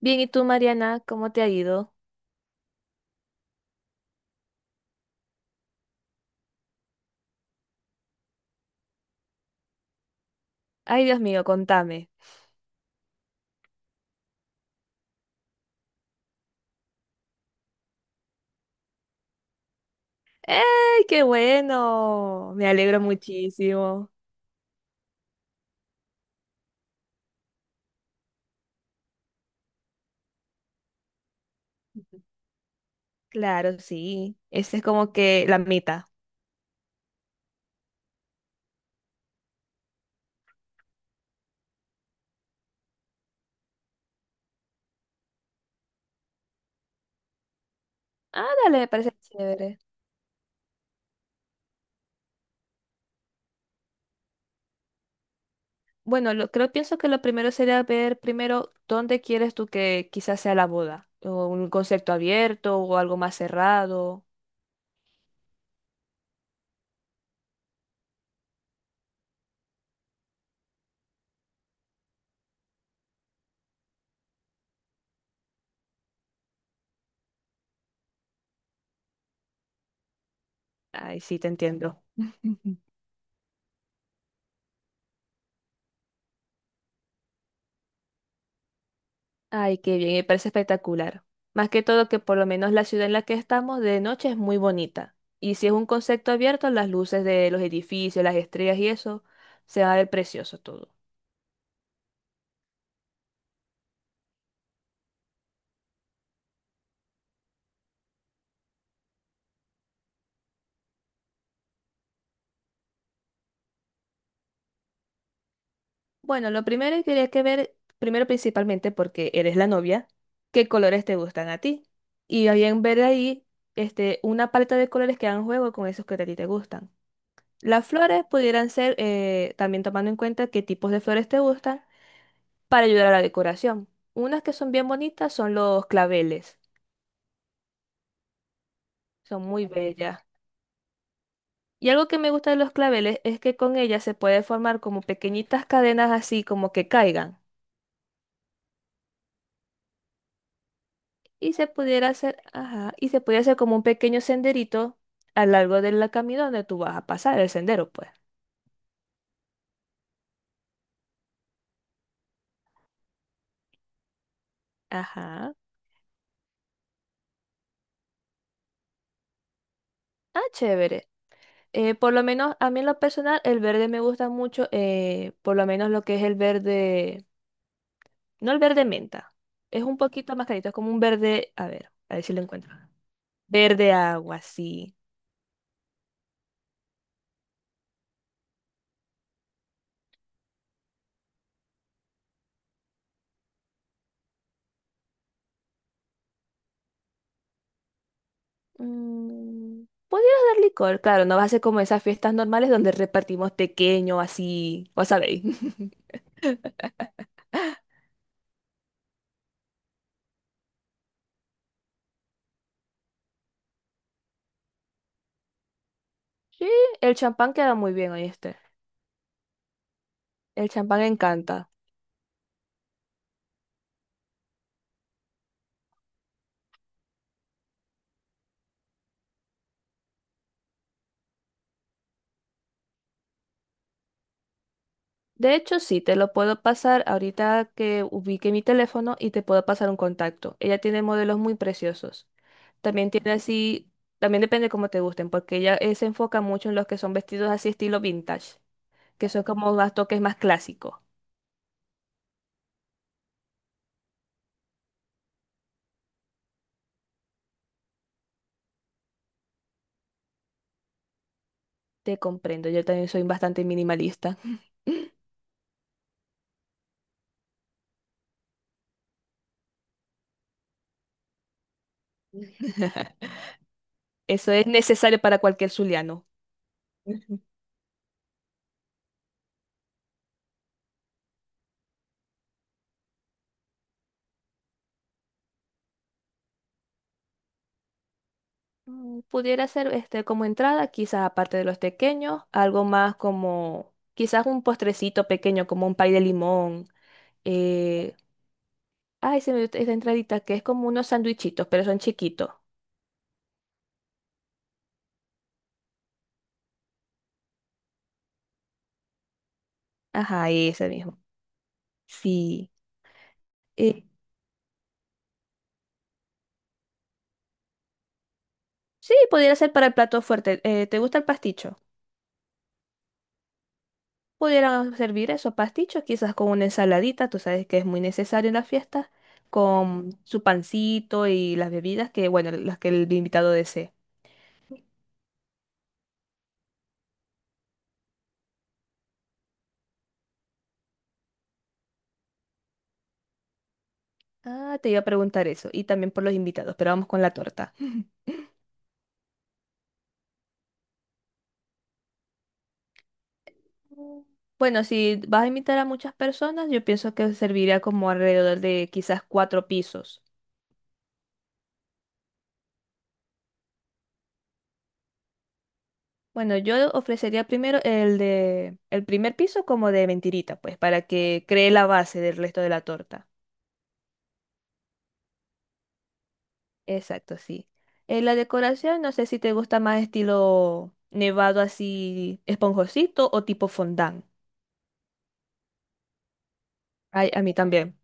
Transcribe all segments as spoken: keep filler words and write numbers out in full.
Bien, ¿y tú, Mariana? ¿Cómo te ha ido? Ay, Dios mío, contame. ¡Ey, qué bueno! Me alegro muchísimo. Claro, sí. Esa es como que la mitad. Ah, dale, me parece chévere. Bueno, lo, creo, pienso que lo primero sería ver primero dónde quieres tú que quizás sea la boda. O un concepto abierto o algo más cerrado. Ay, sí, te entiendo. Ay, qué bien, me parece espectacular. Más que todo que por lo menos la ciudad en la que estamos de noche es muy bonita. Y si es un concepto abierto, las luces de los edificios, las estrellas y eso, se va a ver precioso todo. Bueno, lo primero que quería que ver, primero principalmente porque eres la novia, qué colores te gustan a ti. Y bien ver ahí este, una paleta de colores que hagan juego con esos que a ti te gustan. Las flores pudieran ser, eh, también tomando en cuenta qué tipos de flores te gustan para ayudar a la decoración. Unas que son bien bonitas son los claveles, son muy bellas. Y algo que me gusta de los claveles es que con ellas se puede formar como pequeñitas cadenas así como que caigan. Y se pudiera hacer, ajá, y se pudiera hacer como un pequeño senderito a lo largo del camino donde tú vas a pasar, el sendero, pues. Ajá. Ah, chévere. Eh, por lo menos a mí en lo personal el verde me gusta mucho, eh, por lo menos lo que es el verde. No el verde menta. Es un poquito más clarito. Es como un verde. A ver, a ver si lo encuentro. Verde agua, sí. Mm, podrías dar licor. Claro, no va a ser como esas fiestas normales donde repartimos pequeño, así. Vos sabéis. Sí, el champán queda muy bien, ¿oíste? El champán encanta. De hecho, sí, te lo puedo pasar ahorita que ubique mi teléfono y te puedo pasar un contacto. Ella tiene modelos muy preciosos. También tiene así, también depende cómo te gusten, porque ella eh, se enfoca mucho en los que son vestidos así estilo vintage, que son como más toques más clásicos. Te comprendo, yo también soy bastante minimalista. Eso es necesario para cualquier zuliano. Ujú. Mm, pudiera ser este como entrada, quizás aparte de los pequeños, algo más como quizás un postrecito pequeño, como un pay de limón. Eh, Ay, se me dio esa entradita que es como unos sandwichitos, pero son chiquitos. Ajá, ese mismo. Sí. Eh, sí, pudiera ser para el plato fuerte. Eh, ¿te gusta el pasticho? Pudieran servir esos pastichos, quizás con una ensaladita, tú sabes que es muy necesario en las fiestas, con su pancito y las bebidas que, bueno, las que el invitado desee. Ah, te iba a preguntar eso, y también por los invitados, pero vamos con la torta. Bueno, si vas a invitar a muchas personas, yo pienso que serviría como alrededor de quizás cuatro pisos. Bueno, yo ofrecería primero el de el primer piso como de mentirita, pues, para que cree la base del resto de la torta. Exacto, sí. Eh, la decoración, no sé si te gusta más estilo nevado así esponjosito o tipo fondant. Ay, a mí también.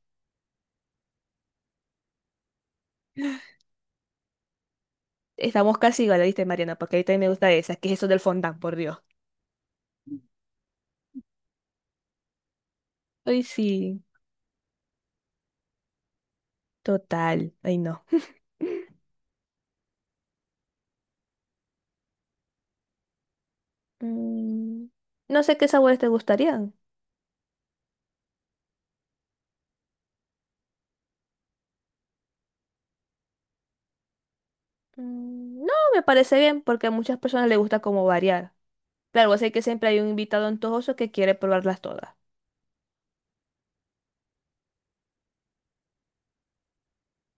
Estamos casi igual, ¿viste, Mariana? Porque a mí también me gusta esa, que es eso del fondant, por Dios. Ay, sí, total. Ay, no. Mm, no sé qué sabores te gustarían. Mm, no, me parece bien porque a muchas personas les gusta como variar. Claro, sé que siempre hay un invitado antojoso que quiere probarlas todas.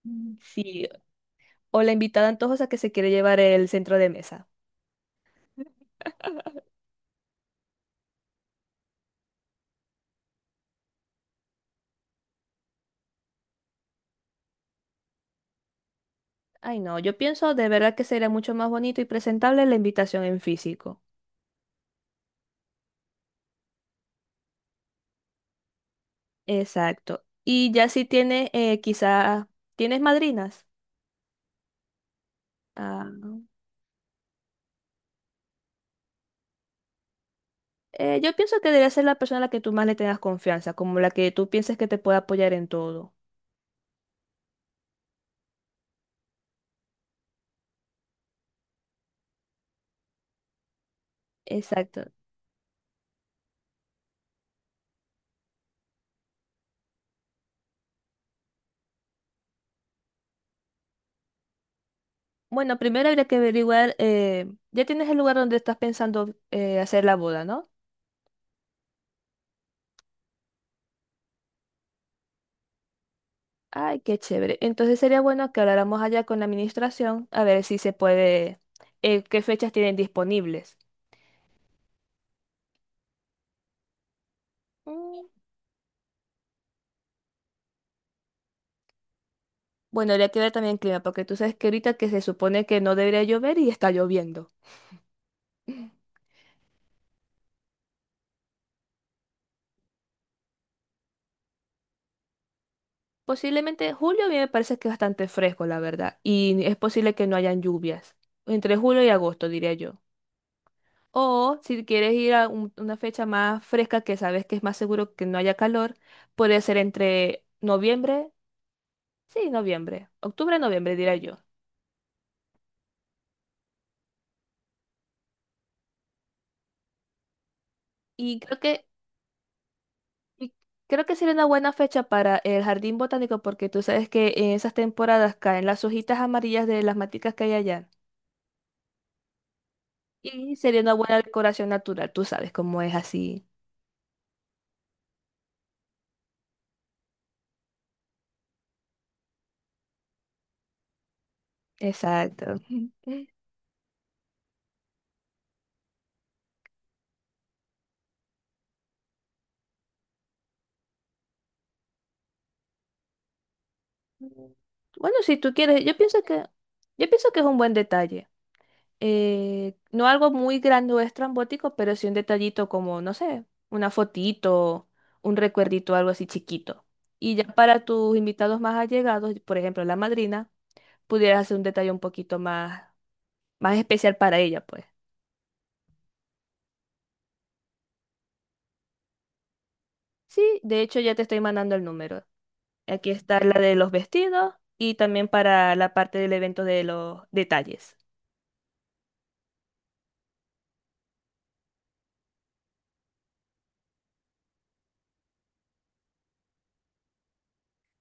Mm. Sí, o la invitada antojosa que se quiere llevar el centro de mesa. Ay, no, yo pienso de verdad que sería mucho más bonito y presentable la invitación en físico. Exacto. Y ya si tienes, eh, quizás, ¿tienes madrinas? Ah, Eh, yo pienso que debería ser la persona a la que tú más le tengas confianza, como la que tú pienses que te puede apoyar en todo. Exacto. Bueno, primero habría que averiguar, eh, ya tienes el lugar donde estás pensando eh, hacer la boda, ¿no? Ay, qué chévere. Entonces sería bueno que habláramos allá con la administración a ver si se puede, eh, qué fechas tienen disponibles. Mm. Bueno, habría que ver también el clima, porque tú sabes que ahorita que se supone que no debería llover y está lloviendo. Posiblemente julio a mí me parece que es bastante fresco, la verdad, y es posible que no hayan lluvias, entre julio y agosto, diría yo. O si quieres ir a un- una fecha más fresca que sabes que es más seguro que no haya calor, puede ser entre noviembre, sí, noviembre, octubre, noviembre, diría yo. Y creo que, y creo que sería una buena fecha para el jardín botánico porque tú sabes que en esas temporadas caen las hojitas amarillas de las maticas que hay allá. Y sería una buena decoración natural, tú sabes cómo es así. Exacto. Bueno, si tú quieres, yo pienso que, yo pienso que es un buen detalle. Eh, no algo muy grande o estrambótico, pero sí un detallito como, no sé, una fotito, un recuerdito, algo así chiquito. Y ya para tus invitados más allegados, por ejemplo, la madrina, pudieras hacer un detalle un poquito más, más especial para ella, pues. Sí, de hecho ya te estoy mandando el número. Aquí está la de los vestidos y también para la parte del evento de los detalles.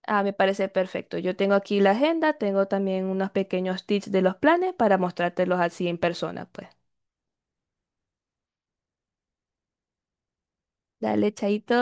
Ah, me parece perfecto. Yo tengo aquí la agenda, tengo también unos pequeños tips de los planes para mostrártelos así en persona, pues. Dale, chaito.